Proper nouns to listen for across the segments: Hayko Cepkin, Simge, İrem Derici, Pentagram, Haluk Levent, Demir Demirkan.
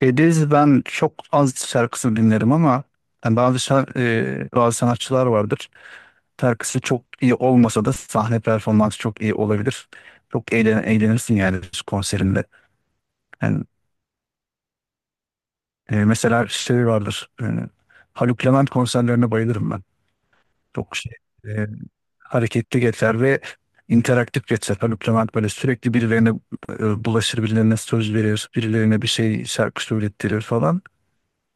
Ediz ben çok az şarkısını dinlerim ama yani bazı şar- bazı sanatçılar vardır. Şarkısı çok iyi olmasa da sahne performansı çok iyi olabilir. Çok eğlenirsin yani konserinde. Yani Mesela Haluk Levent konserlerine bayılırım ben. Çok şey, e, Hareketli geçer ve interaktif geçer. Haluk Levent böyle sürekli birilerine bulaşır, birilerine söz verir, birilerine bir şey şarkı söylettirir falan.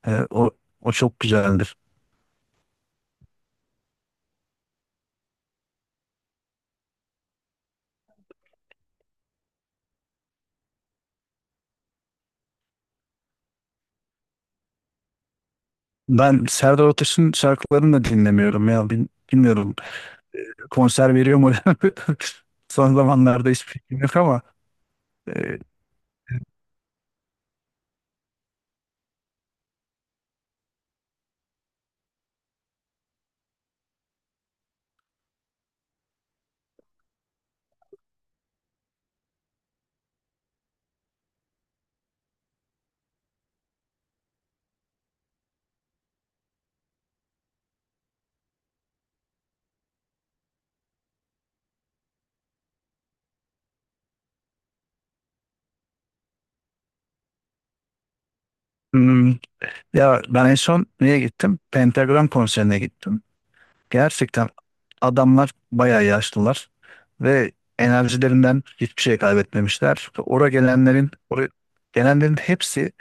E, o o çok güzeldir. Ben Serdar Ortaç'ın şarkılarını da dinlemiyorum ya. Bilmiyorum, konser veriyor mu? Son zamanlarda hiçbir fikrim yok ama e, hmm, ya ben en son neye gittim? Pentagram konserine gittim. Gerçekten adamlar bayağı yaşlılar ve enerjilerinden hiçbir şey kaybetmemişler. Oraya gelenlerin hepsi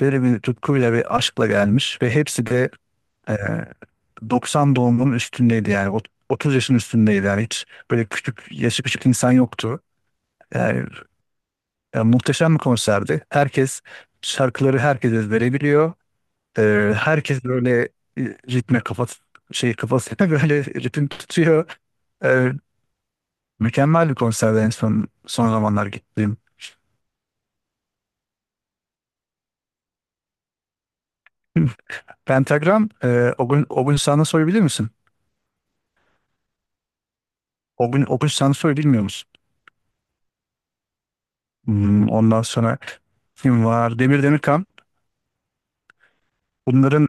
böyle bir tutkuyla ve aşkla gelmiş ve hepsi de e, 90 doğumunun üstündeydi yani. 30 yaşın üstündeydi yani. Hiç böyle yaşı küçük insan yoktu. Yani, yani muhteşem bir konserdi. Şarkıları herkes ezbere biliyor. Herkes e, ritme kafasına böyle ritim tutuyor. Ee, Mükemmel bir konserdi en son zamanlar gittiğim. Pentagram, o gün sana sorabilir misin? O gün sana sorabilir, bilmiyor musun? Hmm, ondan sonra kim var? Demir Demirkan. Bunların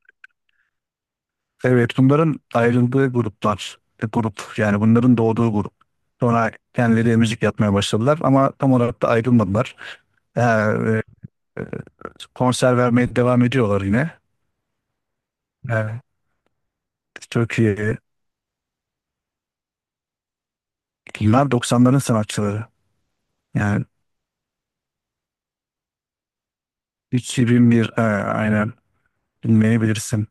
Evet, bunların ayrıldığı grup, yani bunların doğduğu grup. Sonra kendileri müzik yapmaya başladılar ama tam olarak da ayrılmadılar. Ee, e, Konser vermeye devam ediyorlar yine. Ee, Türkiye'ye. Bunlar 90'ların sanatçıları. Yani 2001, aynen, bilmeyebilirsin.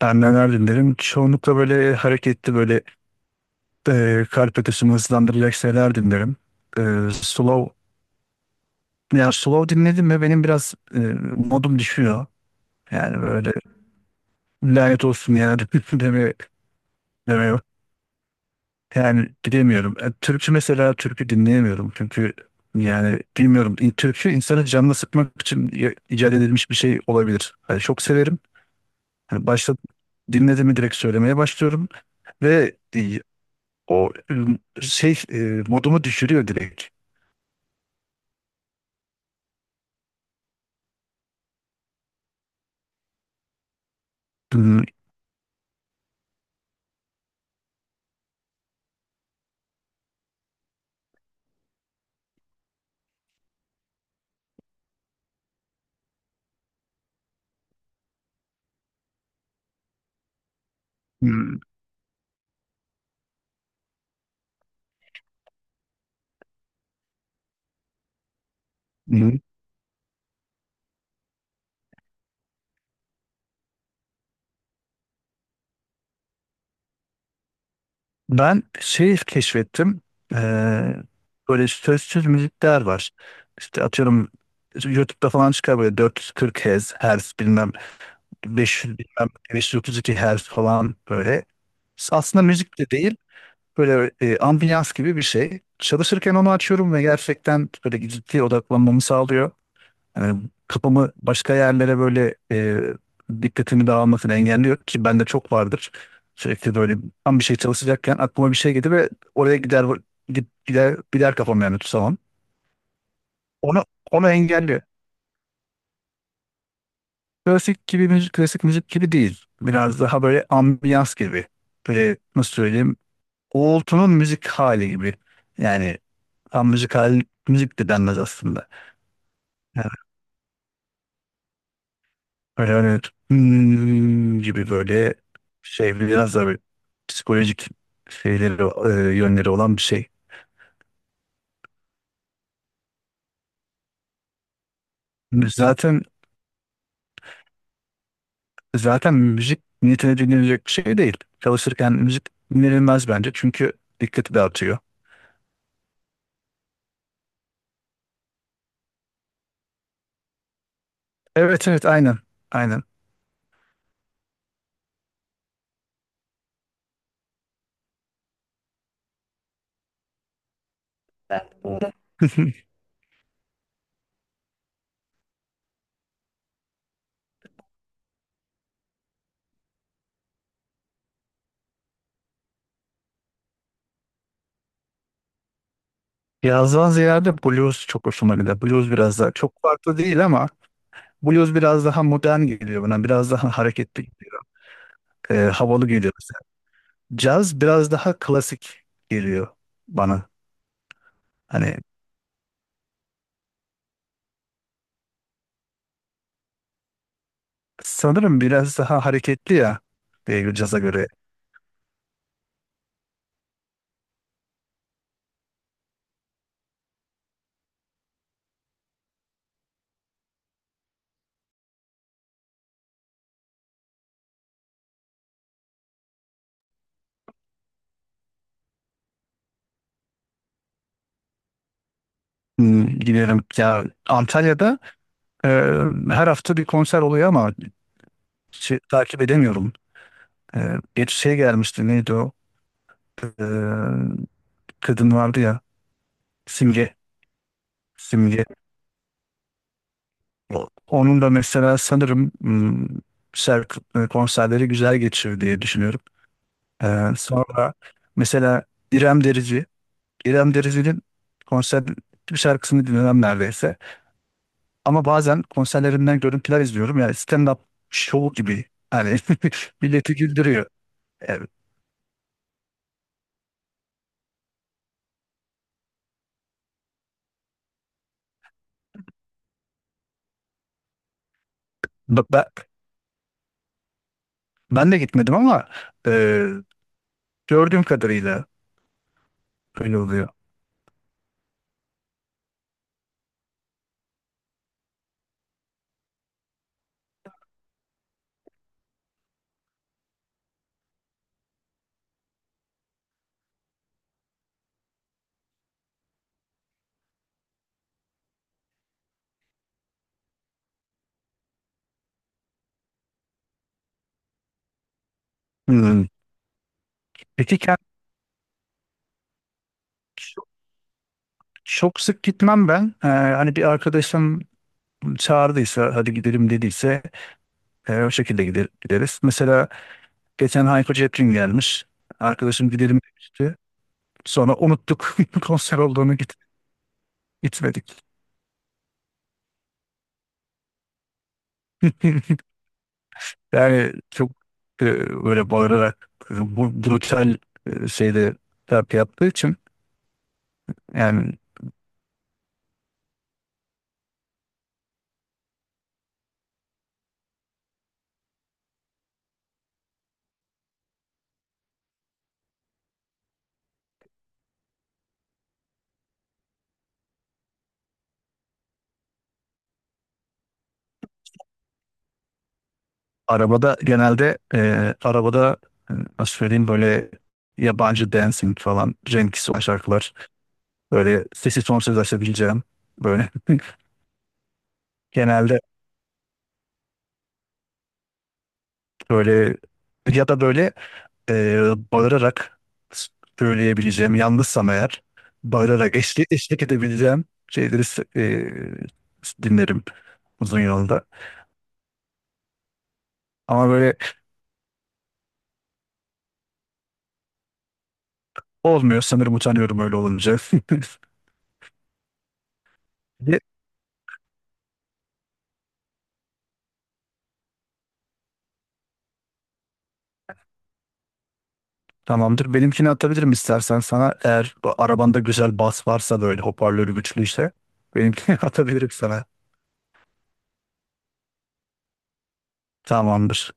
Ben neler dinlerim? Çoğunlukla böyle hareketli, kalp atışımı hızlandıracak şeyler dinlerim. E, slow. Ya slow dinledim mi benim biraz modum düşüyor. Yani böyle "lanet olsun" yani deme demiyor. Yani bilemiyorum. E, Türkçü Mesela türkü dinleyemiyorum çünkü yani bilmiyorum. Türkü insanı canına sıkmak için icat edilmiş bir şey olabilir. Yani çok severim. Hani başta dinledim mi direkt söylemeye başlıyorum ve e, o e, şey e, modumu düşürüyor direkt. Hmm. Hmm, ben şey keşfettim. Eee, böyle sözsüz müzikler var. İşte atıyorum, YouTube'da falan çıkar böyle 440 Hz, bilmem 500, bilmem 532 Hz falan böyle. Aslında müzik de değil. Böyle ambiyans gibi bir şey. Çalışırken onu açıyorum ve gerçekten böyle ciddi odaklanmamı sağlıyor. Yani kafamı başka yerlere dikkatimi dağılmasını engelliyor ki bende çok vardır. Sürekli böyle tam bir şey çalışacakken aklıma bir şey gelir ve oraya gider, gider gider kafam yani, tutamam. Onu Onu engelliyor. Klasik müzik gibi değil. Biraz daha böyle ambiyans gibi. Böyle nasıl söyleyeyim? Uğultunun müzik hali gibi. Yani tam müzik müzik de denmez aslında. Öyle hani "Hmm" gibi, böyle şey biraz da böyle psikolojik şeyleri yönleri olan bir şey. Zaten zaten müzik niyetine dinlenecek bir şey değil. Çalışırken müzik dinlenilmez bence çünkü dikkati dağıtıyor. Evet, evet, aynen, aynen. Doğru. Yazdan ziyade blues çok hoşuma gidiyor. Blues biraz daha çok farklı değil ama blues biraz daha modern geliyor bana. Biraz daha hareketli geliyor. Havalı geliyor mesela. Caz biraz daha klasik geliyor bana. Hani sanırım biraz daha hareketli ya, caza göre. Hmm, giderim ya. Antalya'da e, her hafta bir konser oluyor ama takip edemiyorum. Geç şey gelmişti, neydi o? E, Kadın vardı ya, Simge. Simge. Onun da mesela sanırım, hmm, konserleri güzel geçiyor diye düşünüyorum. Sonra mesela İrem Derici, İrem Derici'nin konser bir şarkısını dinlemem neredeyse. Ama bazen konserlerinden görüntüler izliyorum. Yani stand-up show gibi. Hani milleti güldürüyor. Evet. Ba- ba- Ben de gitmedim ama e, gördüğüm kadarıyla öyle oluyor. Hmm. Peki çok, çok sık gitmem ben. Hani bir arkadaşım çağırdıysa, hadi gidelim dediyse o şekilde gideriz. Mesela geçen Hayko Cepkin gelmiş. Arkadaşım gidelim demişti. Sonra unuttuk konser olduğunu, gitmedik. Yani çok e, böyle bağırarak, bu brutal e, şeyde terapi yaptığı için yani. Arabada genelde e, arabada e, nasıl söyleyeyim, böyle yabancı dancing falan Cenkisi olan şarkılar, böyle sesi sonsuz açabileceğim böyle, genelde böyle, ya da böyle, e, bağırarak söyleyebileceğim yalnızsam eğer, eşlik edebileceğim şeyleri dinlerim uzun yolda. Ama böyle olmuyor sanırım, utanıyorum öyle olunca. Tamamdır. Benimkini atabilirim istersen sana. Eğer bu arabanda güzel bas varsa, böyle hoparlörü güçlü ise benimkini atabilirim sana. Tamamdır.